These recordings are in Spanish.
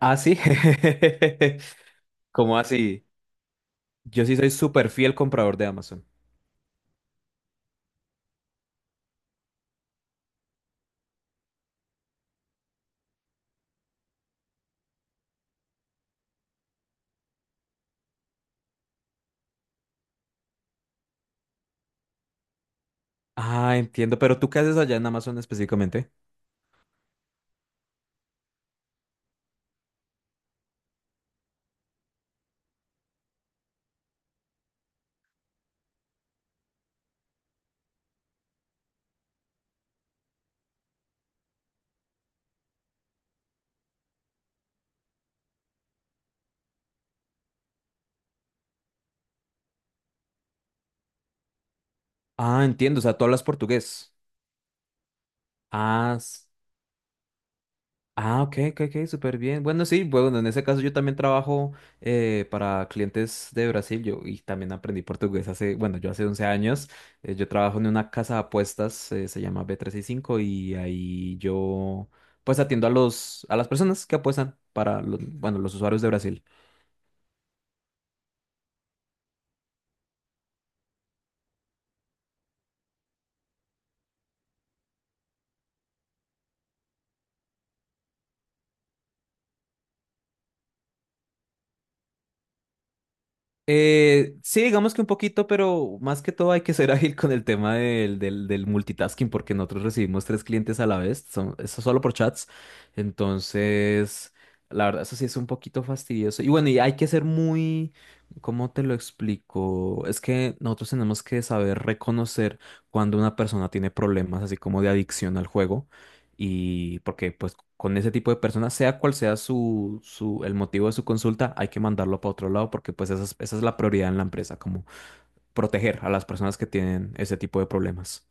Ah, sí. ¿Cómo así? Yo sí soy súper fiel comprador de Amazon. Ah, entiendo. Pero ¿tú qué haces allá en Amazon específicamente? Ah, entiendo. O sea, tú hablas portugués. Ah, ah, ok, ok, ok, súper bien. Bueno, sí, bueno, en ese caso yo también trabajo para clientes de Brasil. Yo y también aprendí portugués hace, bueno, yo hace 11 años. Yo trabajo en una casa de apuestas, se llama B365 y cinco, y ahí yo pues atiendo a las personas que apuestan para los, bueno, los usuarios de Brasil. Sí, digamos que un poquito, pero más que todo hay que ser ágil con el tema del multitasking, porque nosotros recibimos tres clientes a la vez, son, eso solo por chats. Entonces, la verdad, eso sí es un poquito fastidioso. Y bueno, y hay que ser muy, ¿cómo te lo explico? Es que nosotros tenemos que saber reconocer cuando una persona tiene problemas, así como de adicción al juego, y porque pues con ese tipo de personas, sea cual sea el motivo de su consulta, hay que mandarlo para otro lado porque pues esa es la prioridad en la empresa, como proteger a las personas que tienen ese tipo de problemas.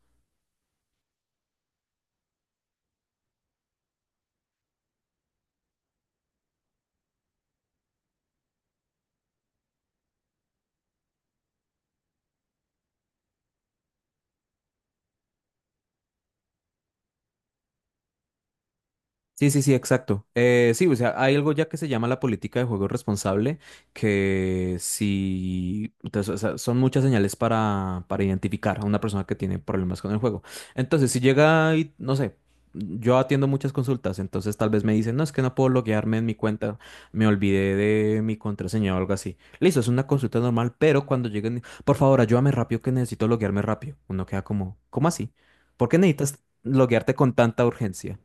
Sí, sí, sí, exacto. Sí, o sea, hay algo ya que se llama la política de juego responsable, que si, entonces, o sea, son muchas señales para identificar a una persona que tiene problemas con el juego. Entonces, si llega y, no sé, yo atiendo muchas consultas, entonces tal vez me dicen, no, es que no puedo loguearme en mi cuenta, me olvidé de mi contraseña o algo así. Listo, es una consulta normal, pero cuando lleguen, por favor, ayúdame rápido que necesito loguearme rápido. Uno queda como, ¿cómo así? ¿Por qué necesitas loguearte con tanta urgencia?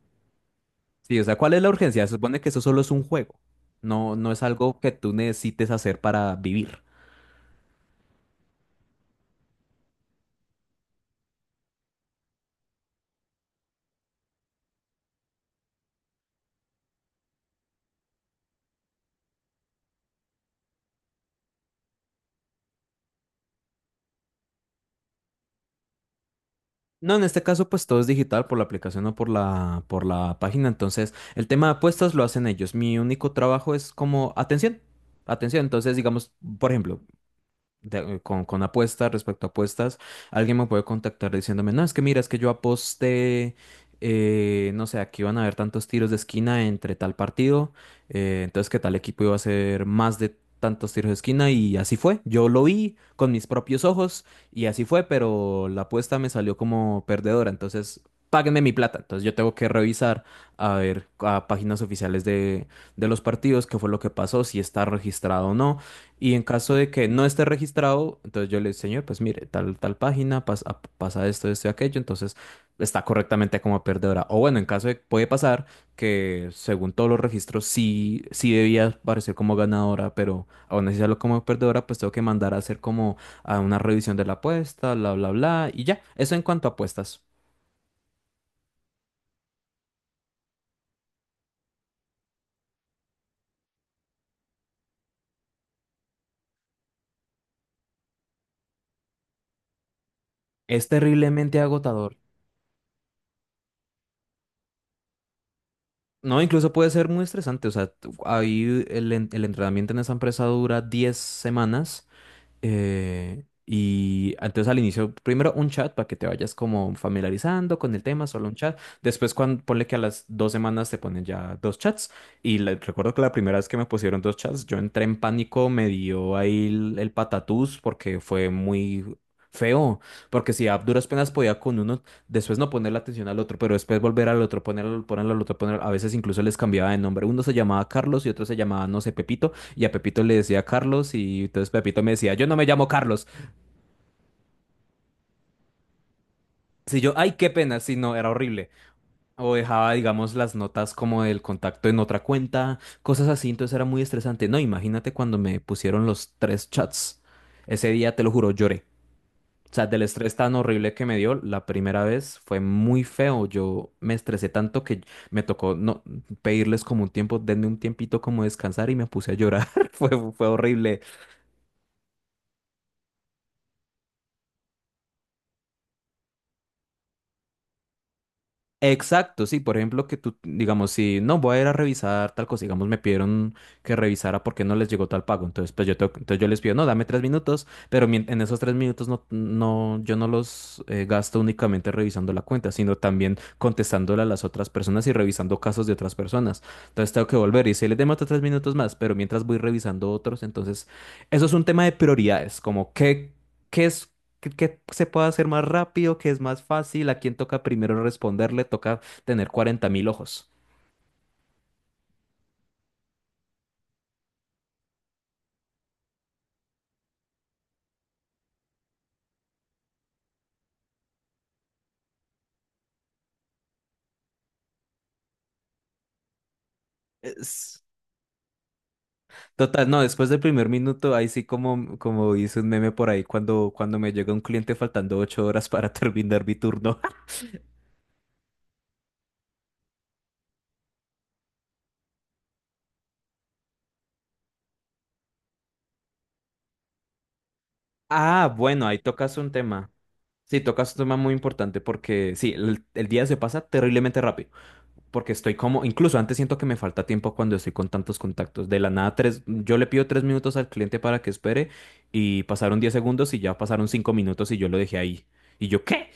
Sí, o sea, ¿cuál es la urgencia? Se supone que eso solo es un juego. No, no es algo que tú necesites hacer para vivir. No, en este caso, pues todo es digital por la aplicación o por la página. Entonces, el tema de apuestas lo hacen ellos. Mi único trabajo es como atención. Atención. Entonces, digamos, por ejemplo, con apuestas, respecto a apuestas, alguien me puede contactar diciéndome, no, es que mira, es que yo aposté, no sé, aquí van a haber tantos tiros de esquina entre tal partido, entonces que tal equipo iba a hacer más de tantos tiros de esquina y así fue. Yo lo vi con mis propios ojos y así fue, pero la apuesta me salió como perdedora, entonces. Páguenme mi plata. Entonces yo tengo que revisar a ver a páginas oficiales de los partidos qué fue lo que pasó, si está registrado o no y en caso de que no esté registrado, entonces yo le digo, señor, pues mire, tal página, pasa esto, esto y aquello, entonces está correctamente como perdedora. O bueno, en caso de, puede pasar que según todos los registros sí, sí debía aparecer como ganadora, pero aún así salió como perdedora, pues tengo que mandar a hacer como a una revisión de la apuesta, bla, bla, bla, y ya. Eso en cuanto a apuestas. Es terriblemente agotador. No, incluso puede ser muy estresante. O sea, ahí el entrenamiento en esa empresa dura 10 semanas. Y entonces al inicio, primero un chat para que te vayas como familiarizando con el tema, solo un chat. Después, cuando, ponle que a las 2 semanas te ponen ya dos chats. Recuerdo que la primera vez que me pusieron dos chats, yo entré en pánico, me dio ahí el patatús porque fue muy feo. Porque si a duras penas podía con uno, después no poner la atención al otro, pero después volver al otro, ponerlo, ponerlo al otro, ponerlo. A veces incluso les cambiaba de nombre. Uno se llamaba Carlos y otro se llamaba, no sé, Pepito y a Pepito le decía Carlos y entonces Pepito me decía, yo no me llamo Carlos. Si yo, ay, qué pena, si no, era horrible. O dejaba, digamos, las notas como del contacto en otra cuenta, cosas así, entonces era muy estresante. No, imagínate cuando me pusieron los tres chats. Ese día, te lo juro, lloré. O sea, del estrés tan horrible que me dio la primera vez fue muy feo. Yo me estresé tanto que me tocó no pedirles como un tiempo, denme un tiempito como descansar y me puse a llorar. Fue horrible. Exacto, sí, por ejemplo, que tú, digamos, si no voy a ir a revisar tal cosa, digamos, me pidieron que revisara por qué no les llegó tal pago, entonces yo les pido, no, dame 3 minutos, pero en esos 3 minutos no, no, yo no los gasto únicamente revisando la cuenta, sino también contestándole a las otras personas y revisando casos de otras personas. Entonces tengo que volver y si les demora 3 minutos más, pero mientras voy revisando otros, entonces, eso es un tema de prioridades, como qué es que se puede hacer más rápido, que es más fácil, a quién toca primero responderle, toca tener 40.000 ojos. Es- Total, no, después del primer minuto, ahí sí como, como hice un meme por ahí cuando, cuando me llega un cliente faltando 8 horas para terminar mi turno. Ah, bueno, ahí tocas un tema. Sí, tocas un tema muy importante porque sí, el día se pasa terriblemente rápido. Porque estoy como, incluso antes siento que me falta tiempo cuando estoy con tantos contactos. De la nada, yo le pido 3 minutos al cliente para que espere y pasaron 10 segundos y ya pasaron 5 minutos y yo lo dejé ahí. Y yo, ¿qué?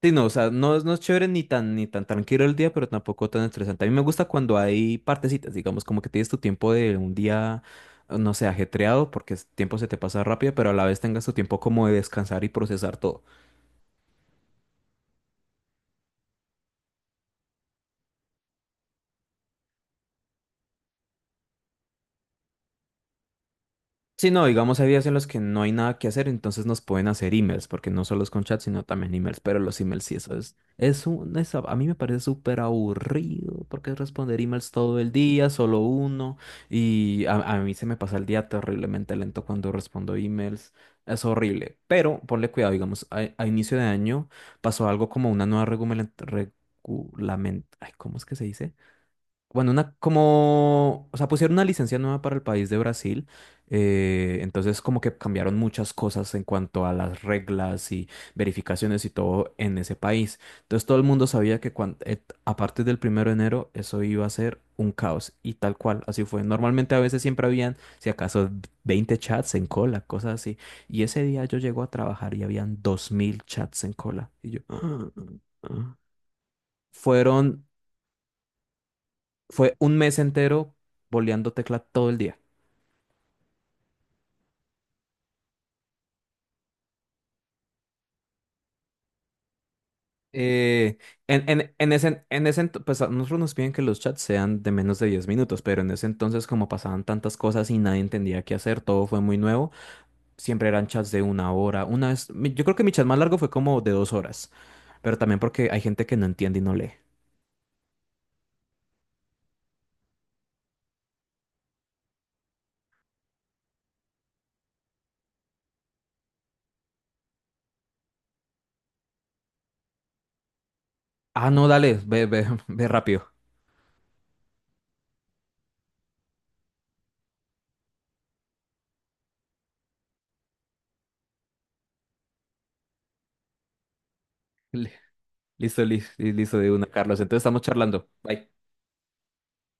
Sí, no, o sea, no, no es chévere ni tan tranquilo el día, pero tampoco tan estresante. A mí me gusta cuando hay partecitas, digamos, como que tienes tu tiempo de un día, no sé, ajetreado, porque el tiempo se te pasa rápido, pero a la vez tengas tu tiempo como de descansar y procesar todo. Sí, no, digamos, hay días en los que no hay nada que hacer, entonces nos pueden hacer emails, porque no solo es con chat, sino también emails, pero los emails sí, eso es un, es a mí me parece súper aburrido, porque es responder emails todo el día, solo uno, y a mí se me pasa el día terriblemente lento cuando respondo emails, es horrible, pero ponle cuidado, digamos, a inicio de año pasó algo como una nueva regulamentación, ay, ¿cómo es que se dice? Bueno, una como, o sea, pusieron una licencia nueva para el país de Brasil, entonces como que cambiaron muchas cosas en cuanto a las reglas y verificaciones y todo en ese país. Entonces todo el mundo sabía que a partir del 1 de enero eso iba a ser un caos y tal cual, así fue. Normalmente a veces siempre habían, si acaso, 20 chats en cola, cosas así. Y ese día yo llego a trabajar y habían 2.000 chats en cola. Y yo. Fueron fue un mes entero boleando tecla todo el día. Eh, pues a nosotros nos piden que los chats sean de menos de 10 minutos, pero en ese entonces como pasaban tantas cosas y nadie entendía qué hacer, todo fue muy nuevo, siempre eran chats de una hora. Una vez, yo creo que mi chat más largo fue como de 2 horas, pero también porque hay gente que no entiende y no lee. Ah, no, dale, ve, ve, ve rápido. Li- Listo, listo, listo de una, Carlos. Entonces estamos charlando. Bye.